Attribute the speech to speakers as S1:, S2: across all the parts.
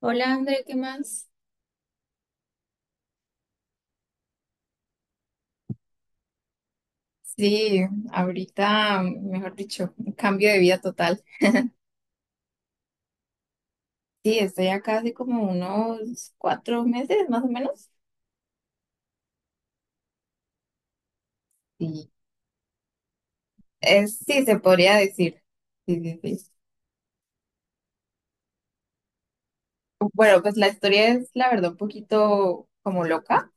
S1: Hola, André, ¿qué más? Sí, ahorita, mejor dicho, un cambio de vida total. Sí, estoy acá hace como unos 4 meses más o menos. Sí, es, sí, se podría decir. Sí, sí, sí. Bueno, pues la historia es, la verdad, un poquito como loca.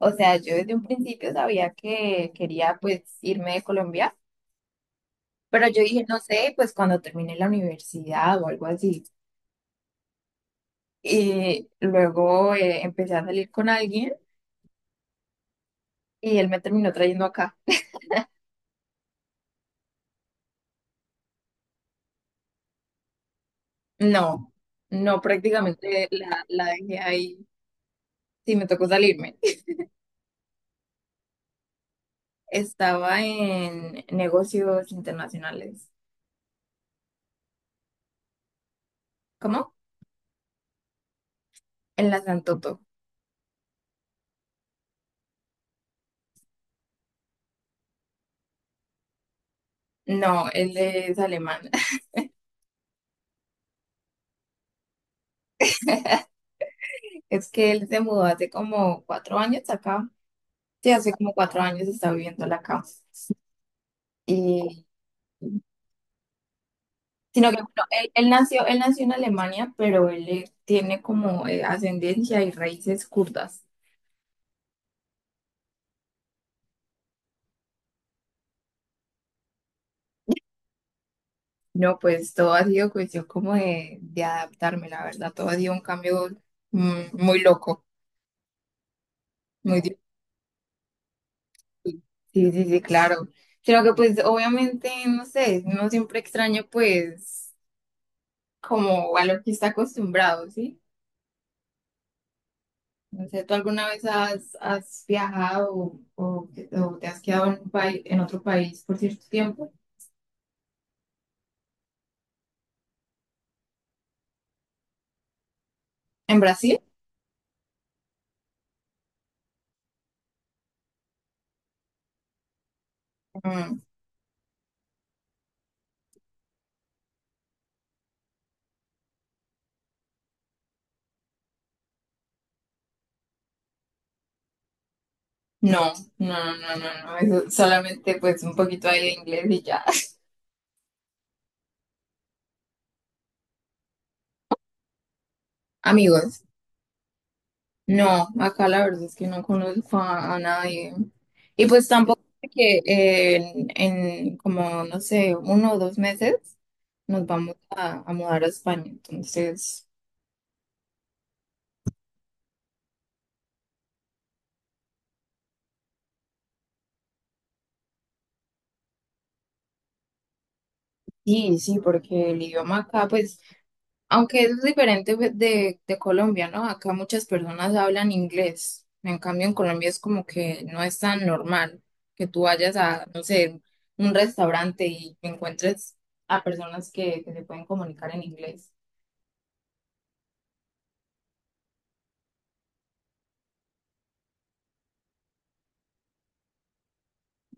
S1: O sea, yo desde un principio sabía que quería pues irme de Colombia, pero yo dije, no sé, pues cuando termine la universidad o algo así. Y luego empecé a salir con alguien y él me terminó trayendo acá. No, no, prácticamente la dejé ahí. Sí, me tocó salirme. Estaba en negocios internacionales. ¿Cómo? En la Santoto. No, él es alemán. Es que él se mudó hace como 4 años acá. Sí, hace como 4 años está viviendo acá. Y, sino que bueno, él nació, en Alemania, pero él tiene como ascendencia y raíces kurdas. No, pues todo ha sido cuestión como de adaptarme, la verdad. Todo ha sido un cambio muy loco, muy difícil. Sí, sí, sí, claro. Sino que pues obviamente, no sé, no siempre extraño pues como a lo que está acostumbrado, ¿sí? No sé, ¿tú alguna vez has viajado o te has quedado en un país, en otro país por cierto tiempo? ¿En Brasil? Mm, no, no, no, no, no. Eso solamente pues un poquito ahí de inglés y ya. Amigos. No, acá la verdad es que no conozco a nadie. Y pues tampoco sé que en como, no sé, 1 o 2 meses nos vamos a mudar a España. Entonces, sí, sí, porque el idioma acá, pues, aunque es diferente de, de Colombia, ¿no? Acá muchas personas hablan inglés. En cambio, en Colombia es como que no es tan normal que tú vayas a, no sé, un restaurante y encuentres a personas que se pueden comunicar en inglés.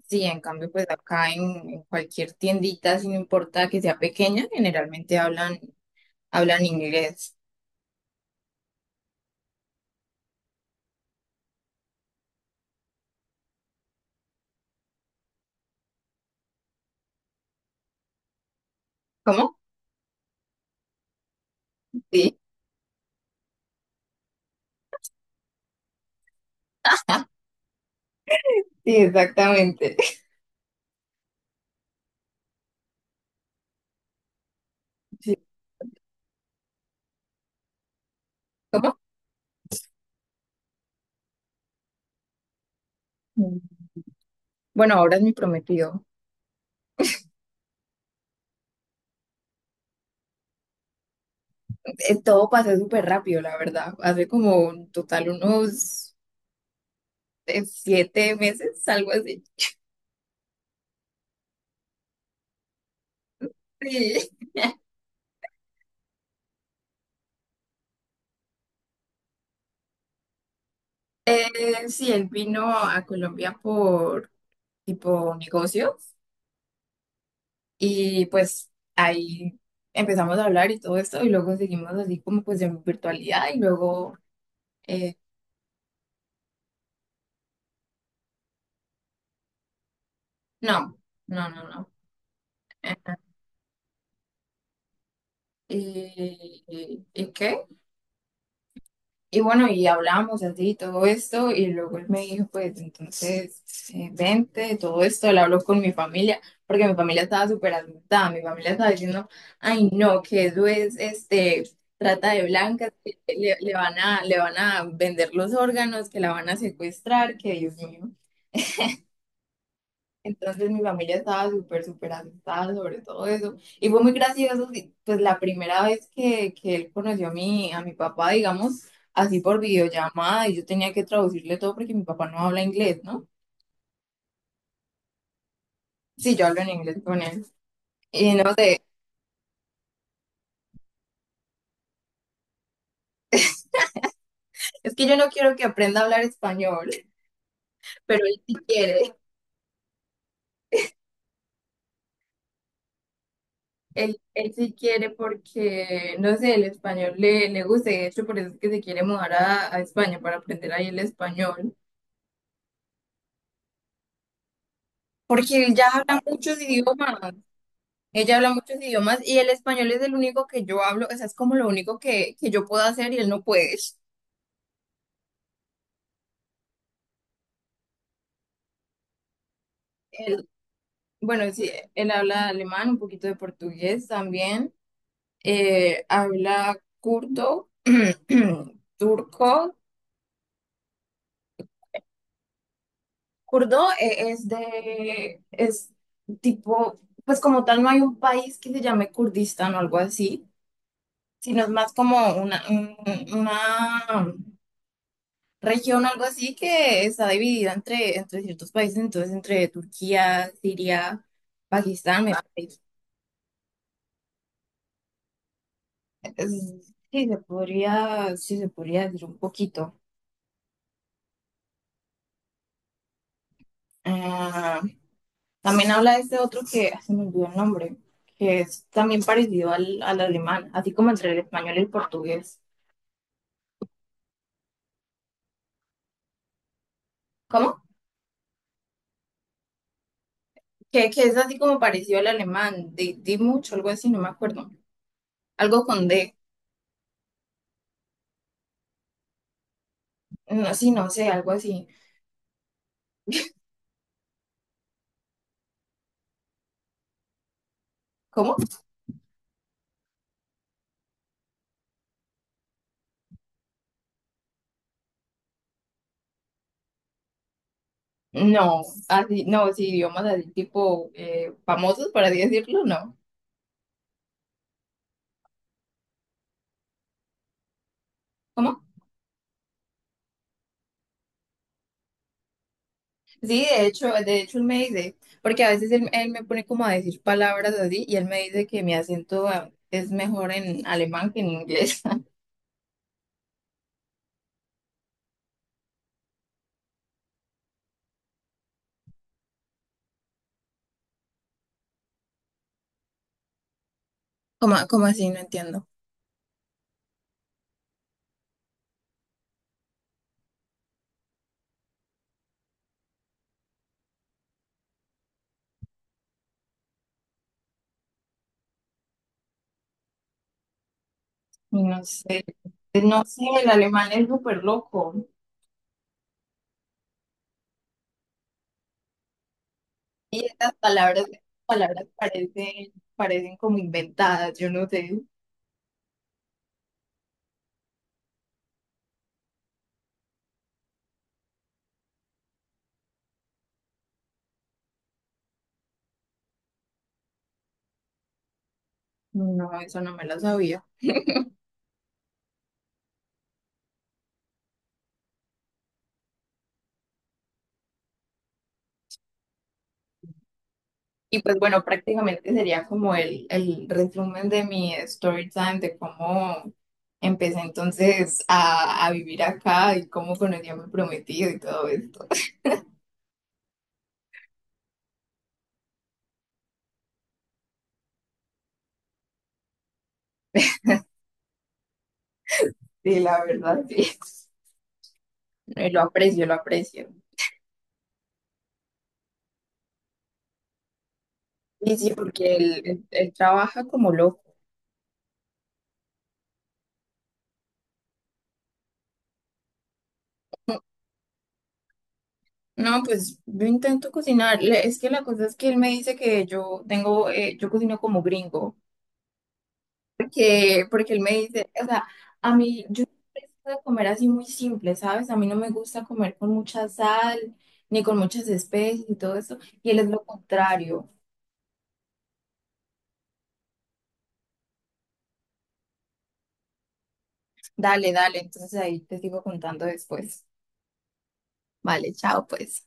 S1: Sí, en cambio, pues acá en cualquier tiendita, si no importa que sea pequeña, generalmente hablan inglés. ¿Cómo? Sí, sí, exactamente. Sí. ¿Cómo? Mm. Bueno, ahora es mi prometido. Todo pasó súper rápido, la verdad. Hace como en total unos 7 meses, algo así. Sí. Sí, él vino a Colombia por tipo negocio. Y pues ahí empezamos a hablar y todo esto, y luego seguimos así como pues en virtualidad, y luego, eh, no, no, no, no. ¿Y qué? Y bueno, y hablamos así y todo esto, y luego él me dijo, pues entonces, vente, todo esto, le hablo con mi familia, porque mi familia estaba súper asustada, mi familia estaba diciendo, ay no, que eso es, este, trata de blancas, que le van a vender los órganos, que la van a secuestrar, que Dios mío. Entonces mi familia estaba súper, súper asustada sobre todo eso. Y fue muy gracioso, sí, pues la primera vez que él conoció a mi papá, digamos, así por videollamada, y yo tenía que traducirle todo porque mi papá no habla inglés, ¿no? Sí, yo hablo en inglés con él. Y no sé, es que yo no quiero que aprenda a hablar español, pero él sí quiere, él sí quiere porque, no sé, el español le gusta, y de hecho por eso es que se quiere mudar a España para aprender ahí el español. Porque él ya habla muchos idiomas. Ella habla muchos idiomas y el español es el único que yo hablo, o sea, es como lo único que yo puedo hacer y él no puede. Él, bueno, sí, él habla alemán, un poquito de portugués también, habla kurdo, turco. Kurdo es de, es tipo, pues como tal no hay un país que se llame Kurdistán o algo así, sino es más como una, una región, algo así, que está dividida entre ciertos países, entonces entre Turquía, Siria, Pakistán, me parece. Sí, se podría, sí, se podría decir un poquito. Ah, también habla de este otro que se me olvidó el nombre, que es también parecido al, al alemán, así como entre el español y el portugués. ¿Cómo? Que es así como parecido al alemán, di, di mucho, algo así, no me acuerdo. Algo con D, no, sí, no sé, algo así. ¿Cómo? No, así, no, sí, idiomas así tipo famosos, por así decirlo, no. ¿Cómo? Sí, de hecho él me dice, porque a veces él me pone como a decir palabras así y él me dice que mi acento es mejor en alemán que en inglés. ¿Cómo, cómo así? No entiendo. Y no sé, no sé, el alemán es súper loco y estas palabras parecen como inventadas, yo no sé. No, eso no me lo sabía. Y pues bueno, prácticamente sería como el resumen de mi story time, de cómo empecé entonces a vivir acá y cómo conocí a mi prometido y todo esto. Sí, la verdad, sí. Y lo aprecio, lo aprecio. Y sí, porque él trabaja como loco. No, pues yo intento cocinar. Es que la cosa es que él me dice que yo tengo, yo cocino como gringo. Porque él me dice, o sea, a mí, yo de comer así muy simple, ¿sabes? A mí no me gusta comer con mucha sal, ni con muchas especies y todo eso. Y él es lo contrario. Dale, dale, entonces ahí te sigo contando después. Vale, chao, pues.